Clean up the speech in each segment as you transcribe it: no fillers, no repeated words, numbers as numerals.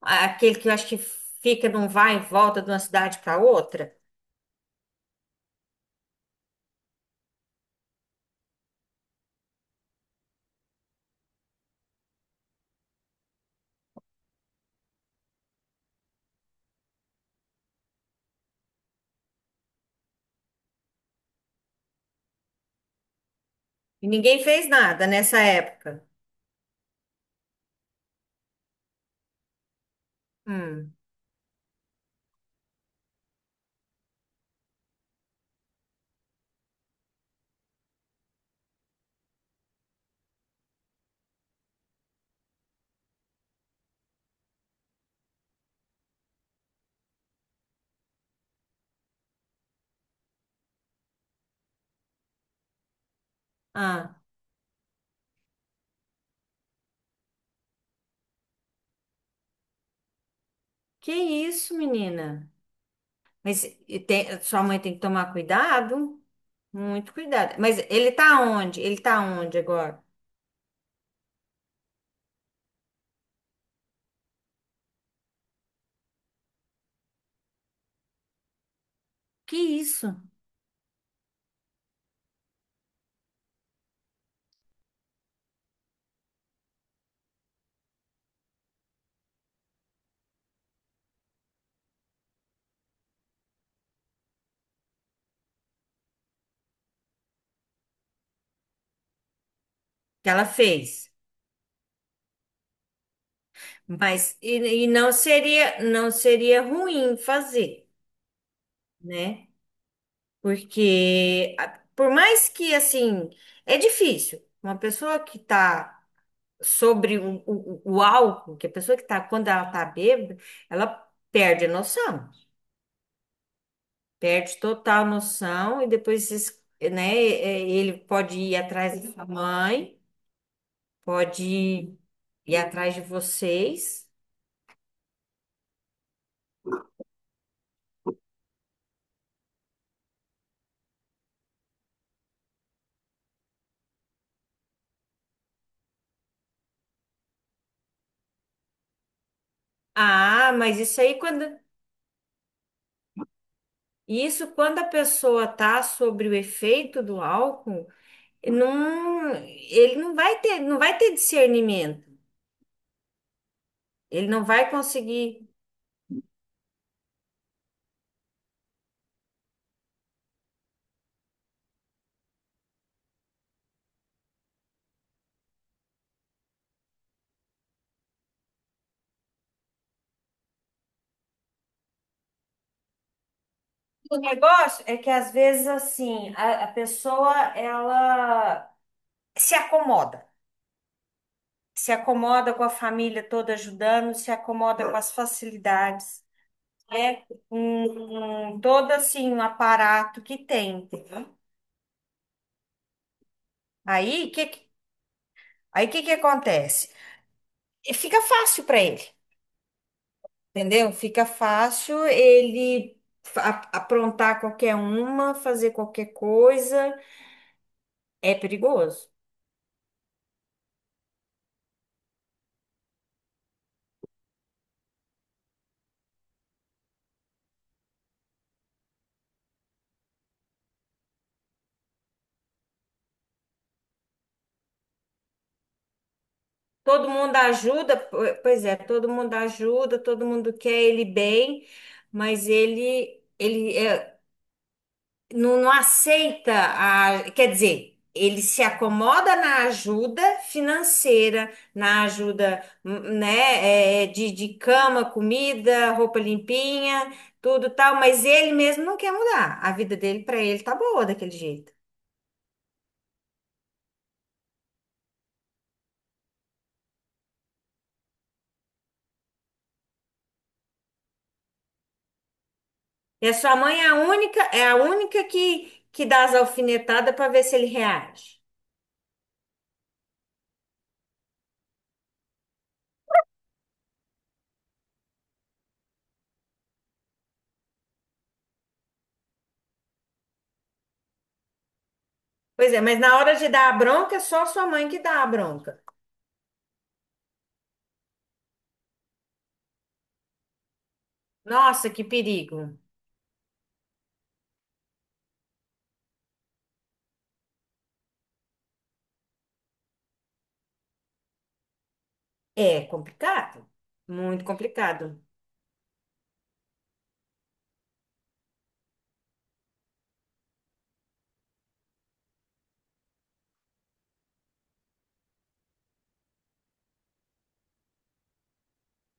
Aquele que eu acho que fica num vai e volta de uma cidade para outra. E ninguém fez nada nessa época. Hum. Ah, que isso, menina? Mas sua mãe tem que tomar cuidado, muito cuidado. Mas ele tá onde? Ele tá onde agora? Que isso, que ela fez? Mas e não seria não seria ruim fazer, né? Por mais que assim, é difícil. Uma pessoa que tá sobre o álcool, que a pessoa que tá, quando ela tá bêbada, ela perde a noção, perde total noção, e depois, né, é, ele pode ir atrás da sua mãe, pode ir atrás de vocês. Ah, mas isso quando a pessoa tá sobre o efeito do álcool, não, ele não vai ter discernimento. Ele não vai conseguir. O negócio é que às vezes assim, a pessoa ela se acomoda, se acomoda com a família toda ajudando, se acomoda com as facilidades, né? Com todo assim um aparato que tem. Aí que que- Aí que acontece? E fica fácil para ele, entendeu? Fica fácil ele aprontar qualquer uma, fazer qualquer coisa, é perigoso. Todo mundo ajuda, pois é, todo mundo ajuda, todo mundo quer ele bem, mas ele é, não, não aceita a, quer dizer, ele se acomoda na ajuda financeira, na ajuda, né, é, de cama, comida, roupa limpinha, tudo tal, mas ele mesmo não quer mudar. A vida dele para ele tá boa daquele jeito. E a sua mãe é a única que dá as alfinetadas para ver se ele reage. Pois é, mas na hora de dar a bronca, é só a sua mãe que dá a bronca. Nossa, que perigo. É complicado, muito complicado.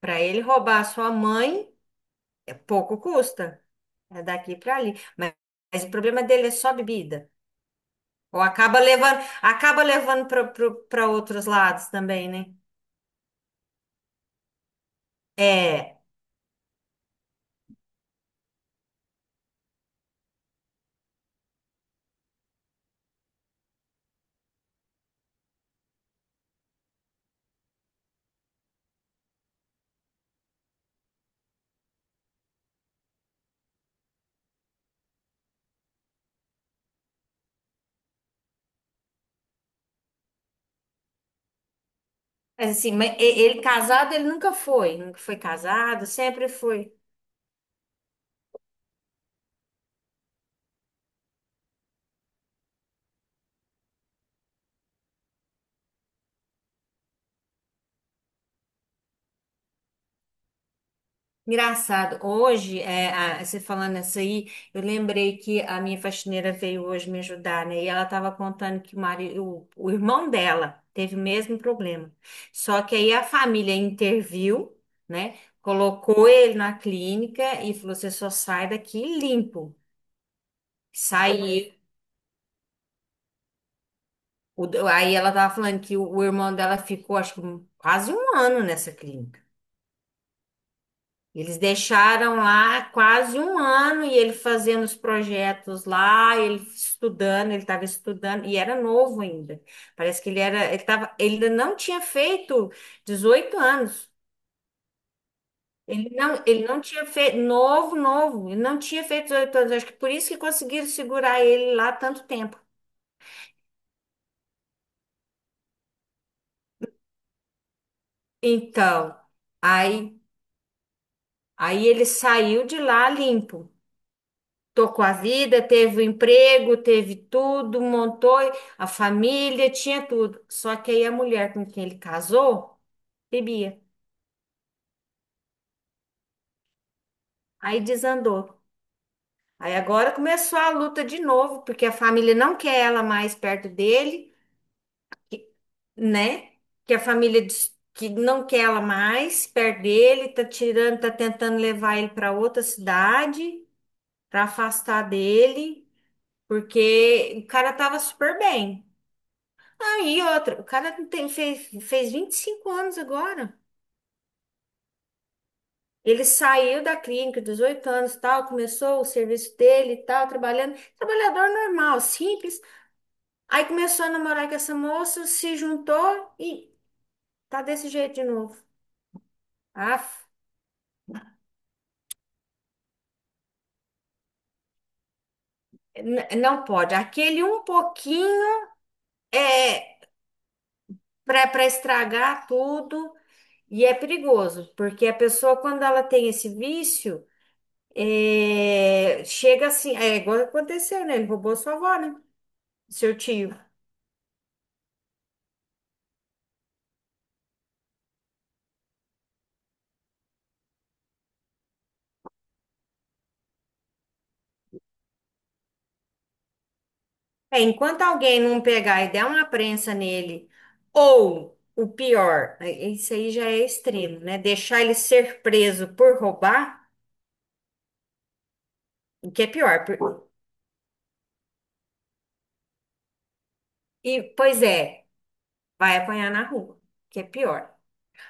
Para ele roubar a sua mãe, é pouco custa. É daqui para ali. Mas o problema dele é só bebida. Ou acaba levando para outros lados também, né? É, mas assim, ele casado, ele nunca foi, nunca foi casado, sempre foi. Engraçado, hoje, é, você falando isso aí, eu lembrei que a minha faxineira veio hoje me ajudar, né? E ela estava contando que o irmão dela teve o mesmo problema. Só que aí a família interviu, né? Colocou ele na clínica e falou: você só sai daqui limpo. Saiu. Aí ela estava falando que o irmão dela ficou, acho que quase um ano nessa clínica. Eles deixaram lá quase um ano e ele fazendo os projetos lá, ele estudando, ele estava estudando e era novo ainda. Parece que ele era, ele tava, ele ainda não tinha feito 18 anos. Ele não tinha feito novo, novo, ele não tinha feito 18 anos. Acho que por isso que conseguiram segurar ele lá tanto tempo. Então, aí, aí ele saiu de lá limpo. Tocou a vida, teve o emprego, teve tudo, montou a família, tinha tudo. Só que aí a mulher com quem ele casou bebia. Aí desandou. Aí agora começou a luta de novo, porque a família não quer ela mais perto dele, né? Que a família diz que não quer ela mais perto dele, tá tirando, tá tentando levar ele para outra cidade, para afastar dele, porque o cara tava super bem. E outra, o cara tem, fez, fez 25 anos agora. Ele saiu da clínica, 18 anos, tal, começou o serviço dele, e tal, trabalhando, trabalhador normal, simples. Aí começou a namorar com essa moça, se juntou e tá desse jeito de novo. Ah, não pode. Aquele um pouquinho é para para estragar tudo e é perigoso, porque a pessoa, quando ela tem esse vício, é, chega assim, é igual aconteceu, né? Ele roubou sua avó, né? Seu tio. É, enquanto alguém não pegar e der uma prensa nele, ou o pior, é, isso aí já é extremo, né? Deixar ele ser preso por roubar, o que é pior. E, pois é, vai apanhar na rua, o que é pior.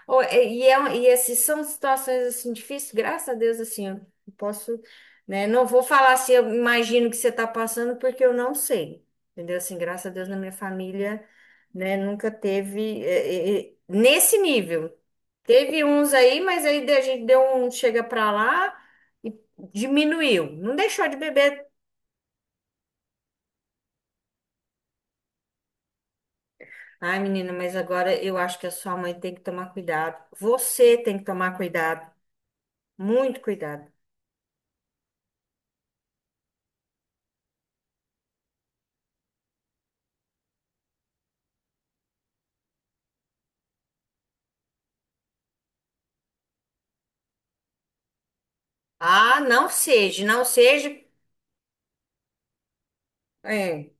E esses são situações assim difíceis, graças a Deus, assim, eu posso, né? Não vou falar se eu imagino que você está passando, porque eu não sei, entendeu? Assim, graças a Deus, na minha família, né, nunca teve nesse nível. Teve uns aí, mas aí a gente deu um chega pra lá e diminuiu. Não deixou de beber. Ai, menina, mas agora eu acho que a sua mãe tem que tomar cuidado. Você tem que tomar cuidado, muito cuidado. Ah, não seja, não seja. É,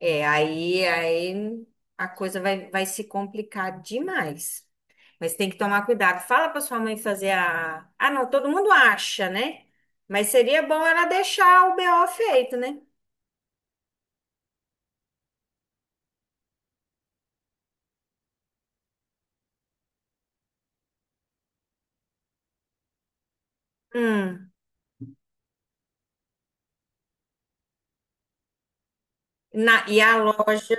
aí, aí a coisa vai, vai se complicar demais. Mas tem que tomar cuidado. Fala para sua mãe fazer a. Ah, não, todo mundo acha, né? Mas seria bom ela deixar o BO feito, né? Hum. Na, e a loja,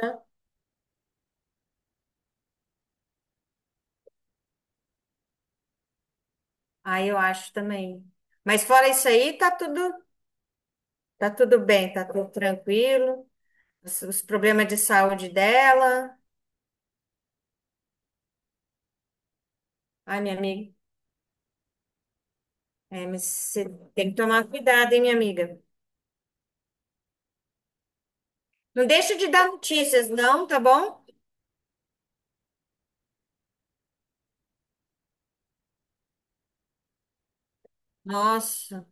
aí eu acho também. Mas fora isso aí, tá tudo bem, tá tudo tranquilo. Os problemas de saúde dela. Ai, minha amiga. É, mas você tem que tomar cuidado, hein, minha amiga? Não deixa de dar notícias, não, tá bom? Nossa,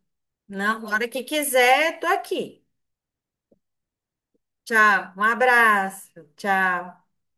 na hora que quiser, tô aqui. Tchau, um abraço, tchau.